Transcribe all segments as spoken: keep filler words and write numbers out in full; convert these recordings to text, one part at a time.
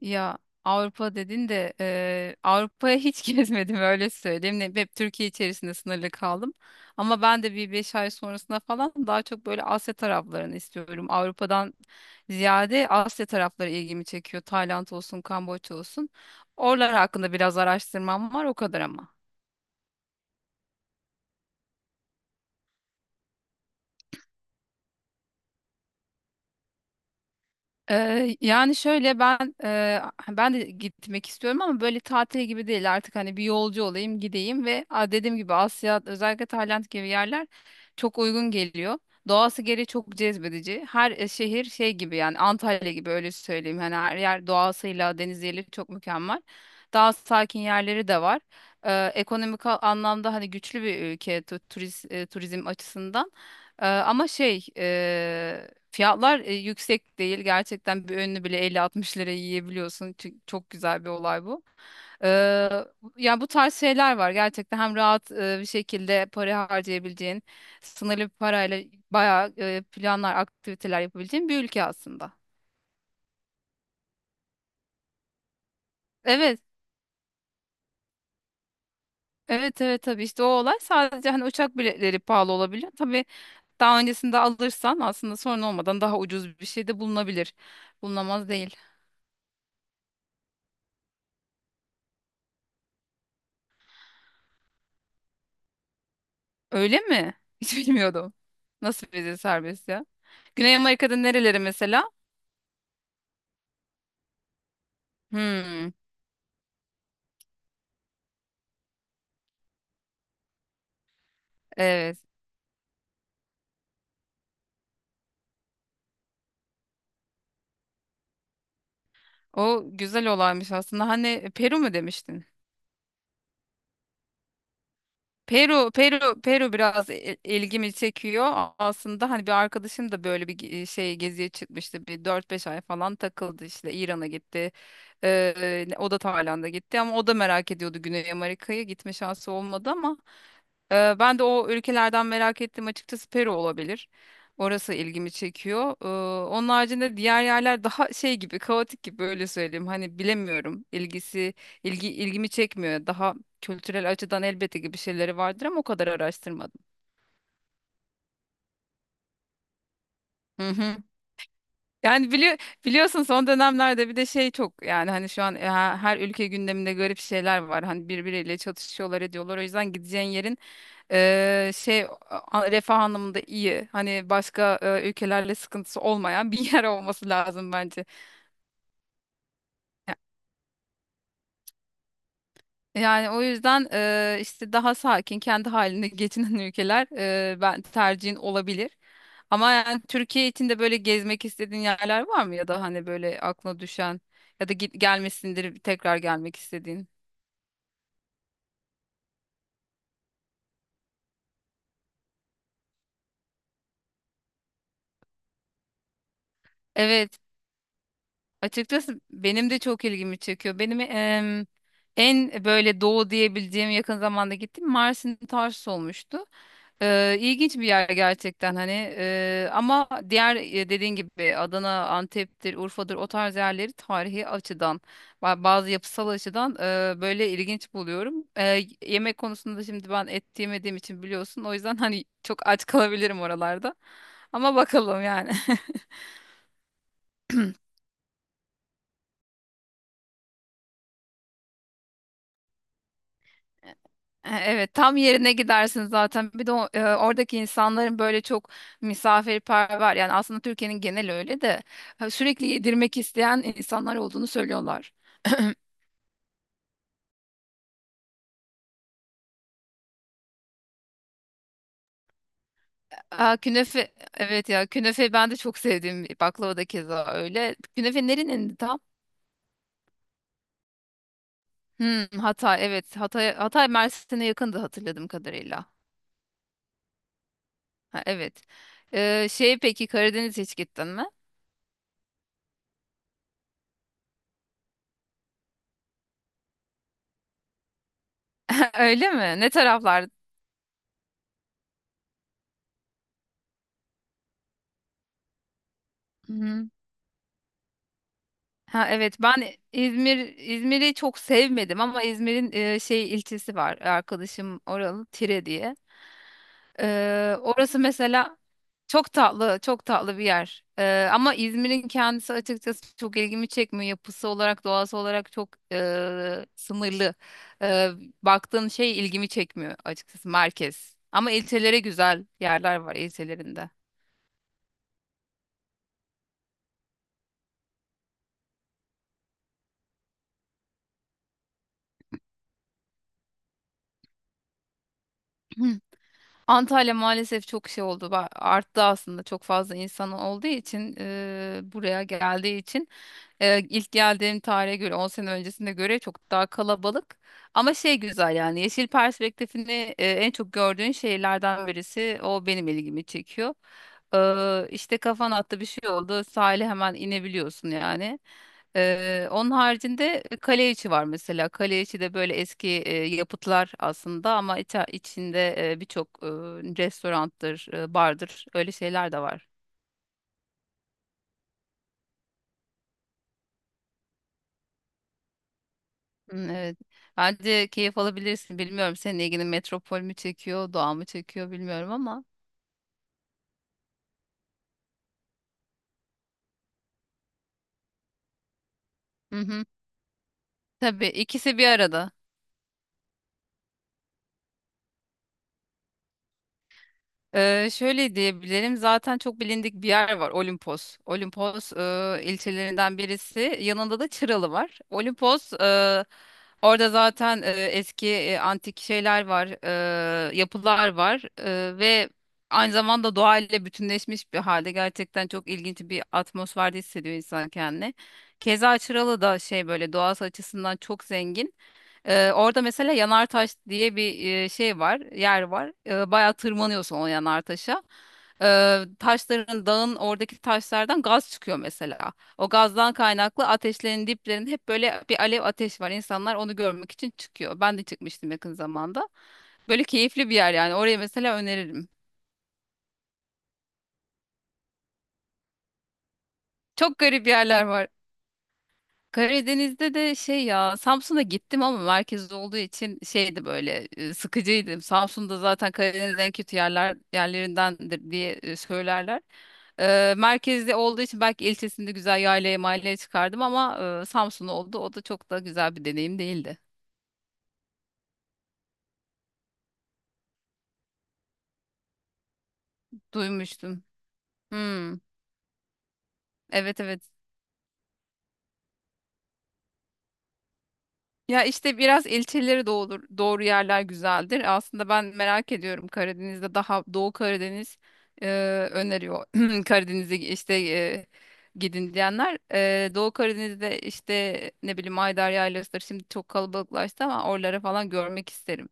Ya, Avrupa dedin de eee, Avrupa'ya hiç gezmedim, öyle söyleyeyim. Ne- Hep Türkiye içerisinde sınırlı kaldım. Ama ben de bir beş ay sonrasında falan daha çok böyle Asya taraflarını istiyorum. Avrupa'dan ziyade Asya tarafları ilgimi çekiyor. Tayland olsun, Kamboçya olsun. Oralar hakkında biraz araştırmam var, o kadar ama. Eee, yani şöyle, ben eee, ben de gitmek istiyorum ama böyle tatil gibi değil artık, hani bir yolcu olayım gideyim ve a, dediğim gibi Asya, özellikle Tayland gibi yerler çok uygun geliyor. Doğası gereği çok cezbedici. Her e, şehir şey gibi, yani Antalya gibi, öyle söyleyeyim. Hani her yer doğasıyla, deniziyle çok mükemmel. Daha sakin yerleri de var. Eee ekonomik a- anlamda hani güçlü bir ülke, tu- turist, e, turizm açısından. Ee, ama şey, eee, fiyatlar e, yüksek değil. Gerçekten bir önünü bile elli altmış liraya yiyebiliyorsun. Çünkü çok güzel bir olay bu. Ee, Ya, bu tarz şeyler var. Gerçekten hem rahat e, bir şekilde para harcayabileceğin, sınırlı bir parayla bayağı e, planlar, aktiviteler yapabileceğin bir ülke aslında. Evet. Evet, evet, tabii işte, o olay sadece hani uçak biletleri pahalı olabiliyor. Tabii daha öncesinde alırsan aslında sorun olmadan daha ucuz bir şey de bulunabilir. Bulunamaz değil. Öyle mi? Hiç bilmiyordum. Nasıl vize serbest ya? Güney Amerika'da nereleri mesela? Hmm, evet. O güzel olaymış aslında. Hani Peru mu demiştin? Peru, Peru, Peru biraz e- ilgimi çekiyor. A- Aslında hani bir arkadaşım da böyle bir ge- e, şey geziye çıkmıştı. Bir dört beş ay falan takıldı işte. İran'a gitti. Ee, o da Tayland'a gitti ama o da merak ediyordu Güney Amerika'yı. Gitme şansı olmadı ama e, ben de o ülkelerden merak ettim. Açıkçası Peru olabilir. Orası ilgimi çekiyor. Ee, onun haricinde diğer yerler daha şey gibi, kaotik gibi, öyle söyleyeyim. Hani bilemiyorum. İlgisi ilgi ilgimi çekmiyor. Daha kültürel açıdan elbette ki bir şeyleri vardır ama o kadar araştırmadım. Hı hı. Yani, bili biliyorsun son dönemlerde bir de şey çok, yani hani şu an, e, ha- her ülke gündeminde garip şeyler var. Hani birbiriyle çatışıyorlar, ediyorlar. O yüzden gideceğin yerin, e, şey a- refah anlamında iyi. Hani başka e, ülkelerle sıkıntısı olmayan bir yer olması lazım bence. Yani o yüzden, eee, işte daha sakin, kendi halinde geçinen ülkeler, eee, ben tercihin olabilir. Ama yani, Türkiye için de böyle gezmek istediğin yerler var mı, ya da hani böyle aklına düşen ya da git gelmesindir, tekrar gelmek istediğin? Evet. Açıkçası benim de çok ilgimi çekiyor. Benim em, en böyle doğu diyebileceğim, yakın zamanda gittiğim Mersin Tarsus olmuştu. Ee, ilginç bir yer gerçekten hani. Ee, ama diğer, e, dediğin gibi Adana, Antep'tir, Urfa'dır, o tarz yerleri tarihi açıdan, ba- bazı yapısal açıdan, e, böyle ilginç buluyorum. Ee, yemek konusunda şimdi ben et yemediğim için biliyorsun, o yüzden hani çok aç kalabilirim oralarda, ama bakalım yani. E, Evet, tam yerine gidersin zaten. Bir de o- e, oradaki insanların böyle çok misafirperver. Yani aslında Türkiye'nin genel öyle de, ha, sürekli yedirmek isteyen insanlar olduğunu söylüyorlar. Aa, künefe, evet, ya künefe ben de çok sevdiğim bir- baklava da keza öyle. Künefe nerenin tam? Hmm, Hatay. Evet, Hatay Hatay Mersin'e yakındı, hatırladığım kadarıyla. Ha, evet. Ee, şey peki, Karadeniz hiç gittin mi? Öyle mi? Ne taraflar? Ha, evet, ben İzmir İzmir'i çok sevmedim, ama İzmir'in e, şey ilçesi var, arkadaşım oralı, Tire diye. Ee, orası mesela çok tatlı, çok tatlı bir yer. Ee, ama İzmir'in kendisi açıkçası çok ilgimi çekmiyor. Yapısı olarak, doğası olarak çok e, sınırlı. Ee, Baktığın şey ilgimi çekmiyor açıkçası, merkez. Ama ilçelere güzel yerler var, ilçelerinde. Antalya maalesef çok şey oldu. ba- Arttı aslında, çok fazla insan olduğu için, eee, buraya geldiği için, eee, ilk geldiğim tarihe göre on sene öncesine göre çok daha kalabalık. Ama şey, güzel yani, yeşil perspektifini eee, en çok gördüğün şehirlerden birisi o, benim ilgimi çekiyor. Eee işte kafan attı, bir şey oldu, sahile hemen inebiliyorsun yani. Ee, onun haricinde kale içi var mesela. Kale içi de böyle eski e, yapıtlar aslında, ama içe- içinde e, birçok e, restoranttır, e, bardır, öyle şeyler de var. Hmm, evet. Bence keyif alabilirsin. Bilmiyorum, senin ilgini metropol mü çekiyor, doğa mı çekiyor, bilmiyorum ama. Hı hı. Tabii, ikisi bir arada. Ee, şöyle diyebilirim, zaten çok bilindik bir yer var, Olimpos. Olimpos e, ilçelerinden birisi, yanında da Çıralı var. Olimpos, e, orada zaten e, eski, e, antik şeyler var, e, yapılar var, e, ve aynı zamanda doğayla bütünleşmiş bir halde, gerçekten çok ilginç bir atmosferde hissediyor insan kendini. Keza Çıralı da şey, böyle doğası açısından çok zengin. Ee, orada mesela Yanartaş diye bir e, şey var, yer var. Ee, bayağı tırmanıyorsun o Yanartaş'a. Ee, taşların, dağın, oradaki taşlardan gaz çıkıyor mesela. O gazdan kaynaklı ateşlerin diplerinde hep böyle bir alev, ateş var. İnsanlar onu görmek için çıkıyor. Ben de çıkmıştım yakın zamanda. Böyle keyifli bir yer yani. Oraya mesela öneririm. Çok garip yerler var. Karadeniz'de de şey, ya Samsun'a gittim ama merkezde olduğu için şeydi, böyle e, sıkıcıydı. Samsun'da zaten Karadeniz'in en kötü yerler yerlerindendir diye e, söylerler. E, merkezde olduğu için belki ilçesinde güzel yaylaya, mahalleye çıkardım, ama e, Samsun oldu. O da çok da güzel bir deneyim değildi. Duymuştum. Hmm, evet, evet. Ya işte, biraz ilçeleri doğru, doğru yerler güzeldir. Aslında ben merak ediyorum, Karadeniz'de daha Doğu Karadeniz e, öneriyor. Karadeniz'e işte, e, gidin diyenler. E, Doğu Karadeniz'de işte, ne bileyim, Ayder Yaylası'dır. Şimdi çok kalabalıklaştı, ama oraları falan görmek isterim.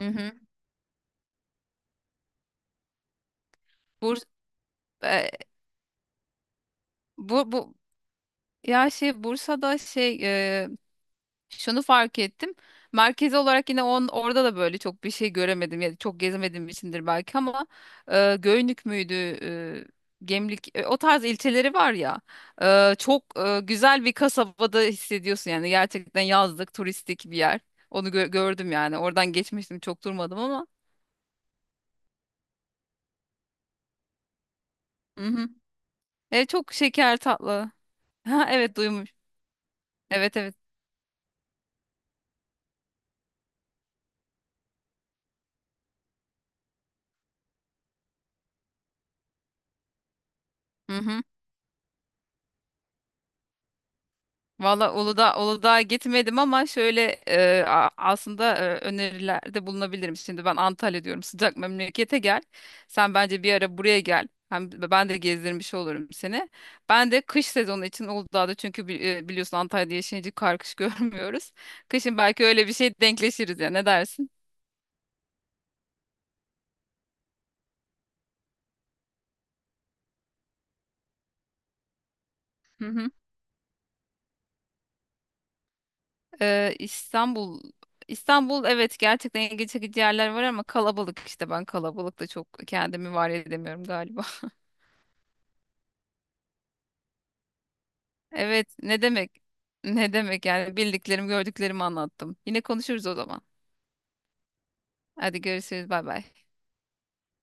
Hı hı. Burs, e, bu, bu ya şey, Bursa'da şey, şunu fark ettim. Merkezi olarak yine, on, orada da böyle çok bir şey göremedim. Ya da çok gezemediğim içindir belki ama, e, Göynük müydü? e, Gemlik, e, o tarz ilçeleri var ya, e, çok e, güzel bir kasabada hissediyorsun yani, gerçekten yazlık, turistik bir yer. Onu gö- gördüm yani, oradan geçmiştim, çok durmadım ama. Hı hı. E, çok şeker, tatlı. Ha, evet, duymuş. Evet, evet. Hı hı. Valla, Uludağ, Uludağ'a gitmedim ama şöyle, e, a- aslında, e, önerilerde bulunabilirim. Şimdi ben Antalya diyorum, sıcak memlekete gel. Sen bence bir ara buraya gel, hem ben de gezdirmiş olurum seni. Ben de kış sezonu için Uludağ'da, çünkü bi- e, biliyorsun Antalya'da yaşayınca kar, kış görmüyoruz. Kışın belki öyle bir şey denkleşiriz ya, ne dersin? Hı hı. Ee, İstanbul İstanbul, evet, gerçekten ilgi çekici yerler var ama kalabalık işte, ben kalabalıkta çok kendimi var edemiyorum galiba. Evet, ne demek? Ne demek, yani bildiklerimi, gördüklerimi anlattım. Yine konuşuruz o zaman. Hadi görüşürüz, bay bay.